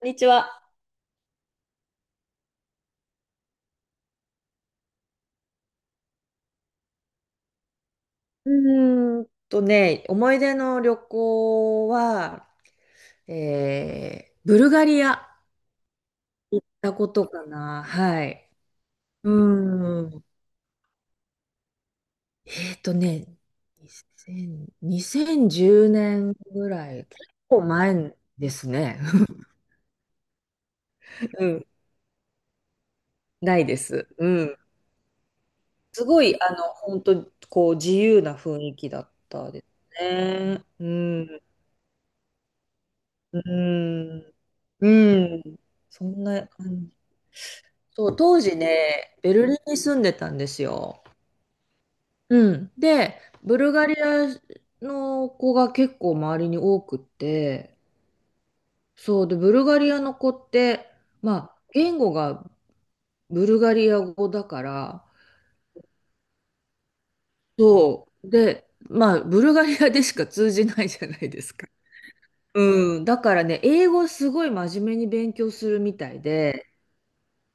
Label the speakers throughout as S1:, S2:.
S1: こんにちは。うーんとね、思い出の旅行は、ブルガリア行ったことかな。はい。うーん。えっとね、2000、2 1 0年ぐらい、結構前ですね。うん。ないです。うん。すごい、本当こう、自由な雰囲気だったですね。うん。うん。うん。そんな感じ。そう、当時ね、ベルリンに住んでたんですよ。うん。で、ブルガリアの子が結構周りに多くって、そうで、ブルガリアの子って、まあ、言語がブルガリア語だから、そう。で、まあ、ブルガリアでしか通じないじゃないですか。うん。だからね、英語すごい真面目に勉強するみたいで、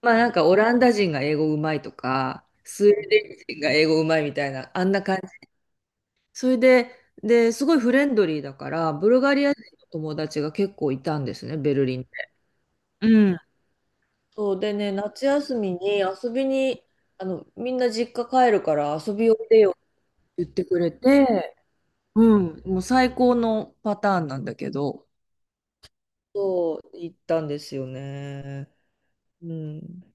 S1: まあなんかオランダ人が英語うまいとか、スウェーデン人が英語うまいみたいな、あんな感それで、で、すごいフレンドリーだから、ブルガリア人の友達が結構いたんですね、ベルリンで。うん。そうでね、夏休みに遊びに、みんな実家帰るから遊びおいでよって言ってくれて、うん、もう最高のパターンなんだけど、そう、行ったんですよね。うん。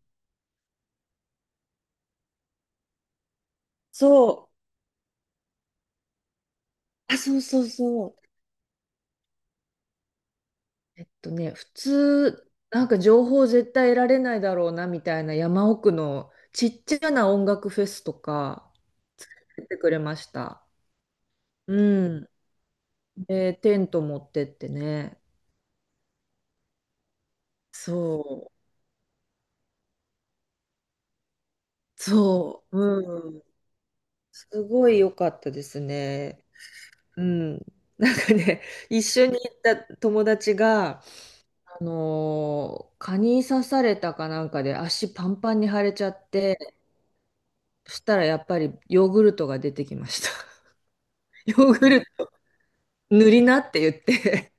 S1: そう。あ、そうそうそう。普通、なんか情報絶対得られないだろうなみたいな山奥のちっちゃな音楽フェスとか出てくれました。うん。で、テント持ってってね。そう。そう。うん。すごい良かったですね。うん。なんかね、一緒に行った友達が、蚊に刺されたかなんかで足パンパンに腫れちゃって、そしたらやっぱりヨーグルトが出てきました。ヨーグルト塗りなって言って。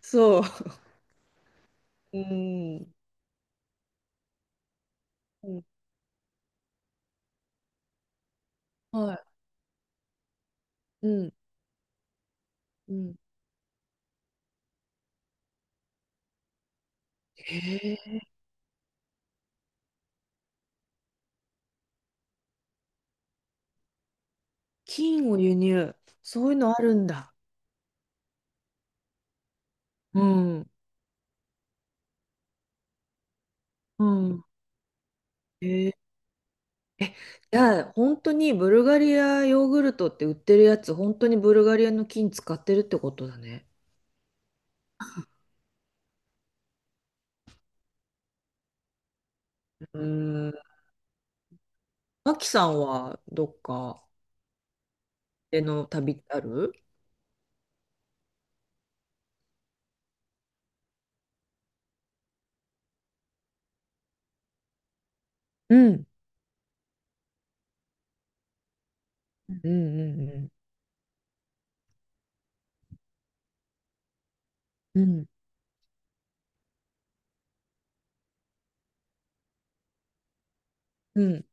S1: そう。うん。うんはい。うん。うん。へえ。金を輸入。そういうのあるんだ。うん。うん。へえ。いや、本当にブルガリアヨーグルトって売ってるやつ、本当にブルガリアの金使ってるってことだね。うん。マキさんはどっかでの旅ってある？うん。うんうんうんうん。うん。うん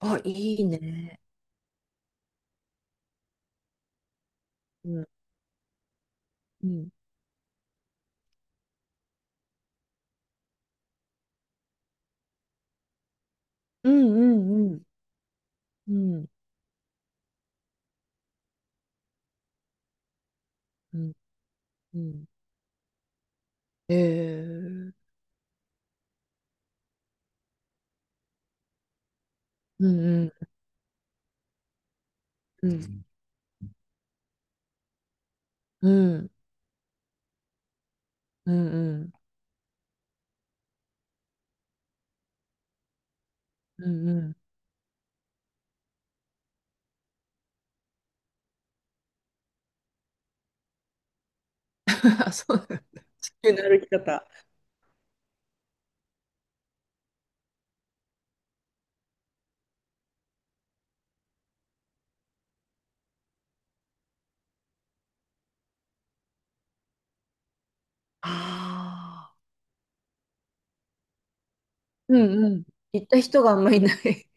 S1: あ、いいね。うん。うん。うんうんうん。うんうん、うん。ええうんうんうんうんうんうんうんうん あ、そうだ地球の歩き方。ああ、うんうん。行った人があんまりいない。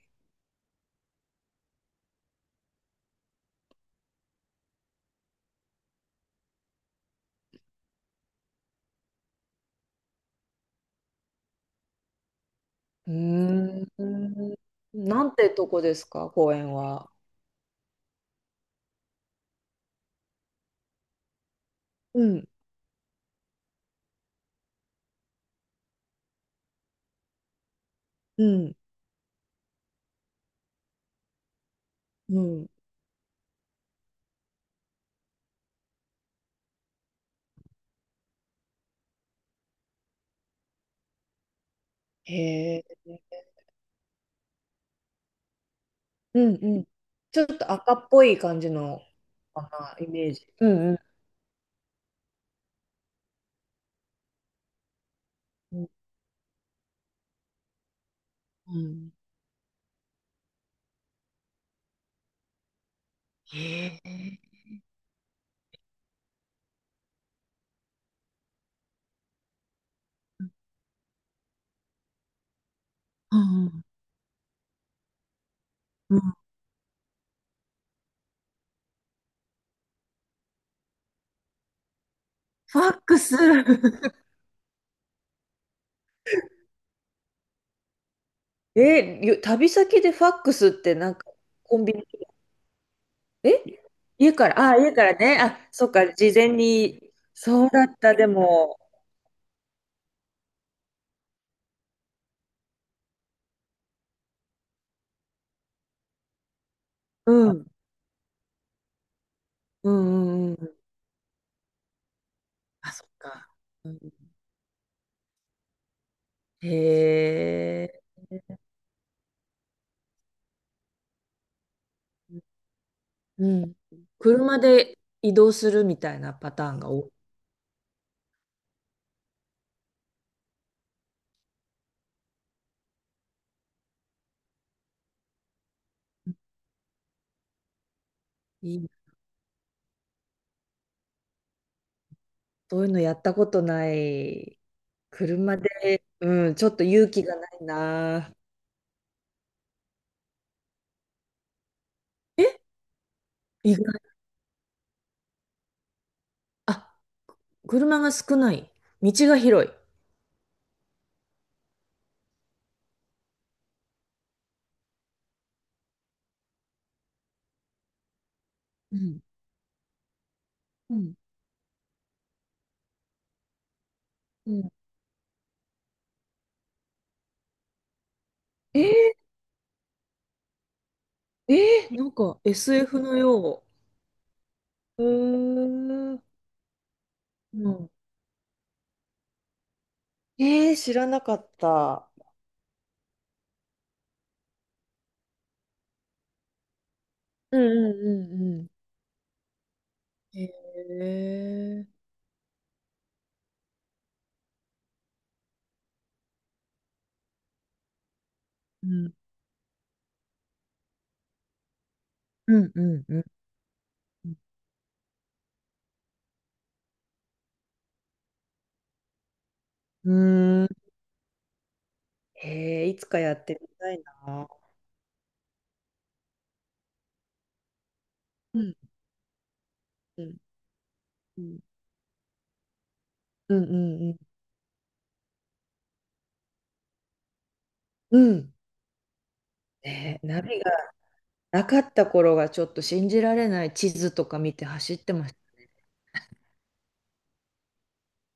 S1: うーん。なんてとこですか、公園は？うんうんうん。へえ。うんうん。ちょっと赤っぽい感じのかな、イメージ。うんうん。うん。うんへえ。うんうん。うんファックス。え、旅先でファックスってなんかコンビニ、え家から、あ、家からね。あ、そっか、事前に。そうだった、でも。うん。うんうんうん。あ、そっか。うん、へえ。うん。車で移動するみたいなパターンが多い。いいな。そういうのやったことない。車で、うん、ちょっと勇気がないな。え、意外。あ、車が少ない。道が広い。うん。うん。えなんか SF のよううーん。う。うん。えー、知らなかった。うんうんうんうん。へえ。うんうんうんうんうん。うーん。えー、いつかやってみたいな。うんうんうんうんうんうんうんねえ、ナビがなかった頃がちょっと信じられない。地図とか見て走ってました。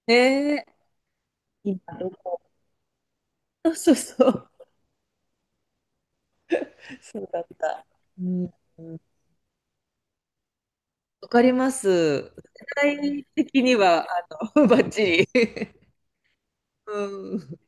S1: ねえ。今どこ そうそうそう。そうだった。うんわかります。世代的には、バッチリ。うん。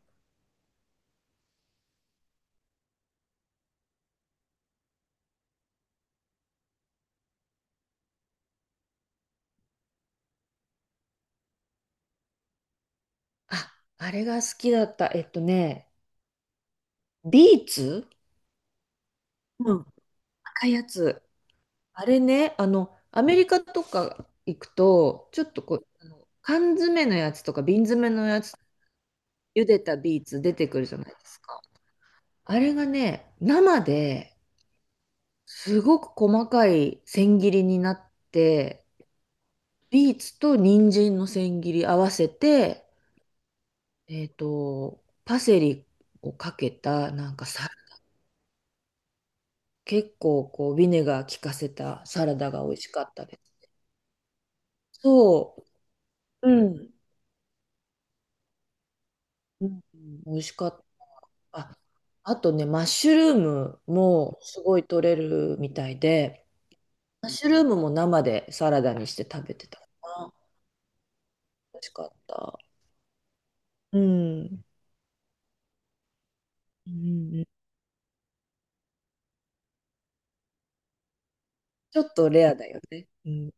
S1: あ、あれが好きだった。ビーツうん。赤いやつ。あれね、アメリカとか行くと、ちょっとこう、あの缶詰のやつとか瓶詰めのやつ、茹でたビーツ出てくるじゃないですか。あれがね、生ですごく細かい千切りになって、ビーツと人参の千切り合わせて、パセリをかけた、なんかさ、結構こう、ビネガー効かせたサラダが美味しかったですね。そううんう、ん、美味しかった。あ、あとね、マッシュルームもすごい取れるみたいで、マッシュルームも生でサラダにして食べてたかな。美味しかった。うん。うんうんちょっとレアだよね。うん。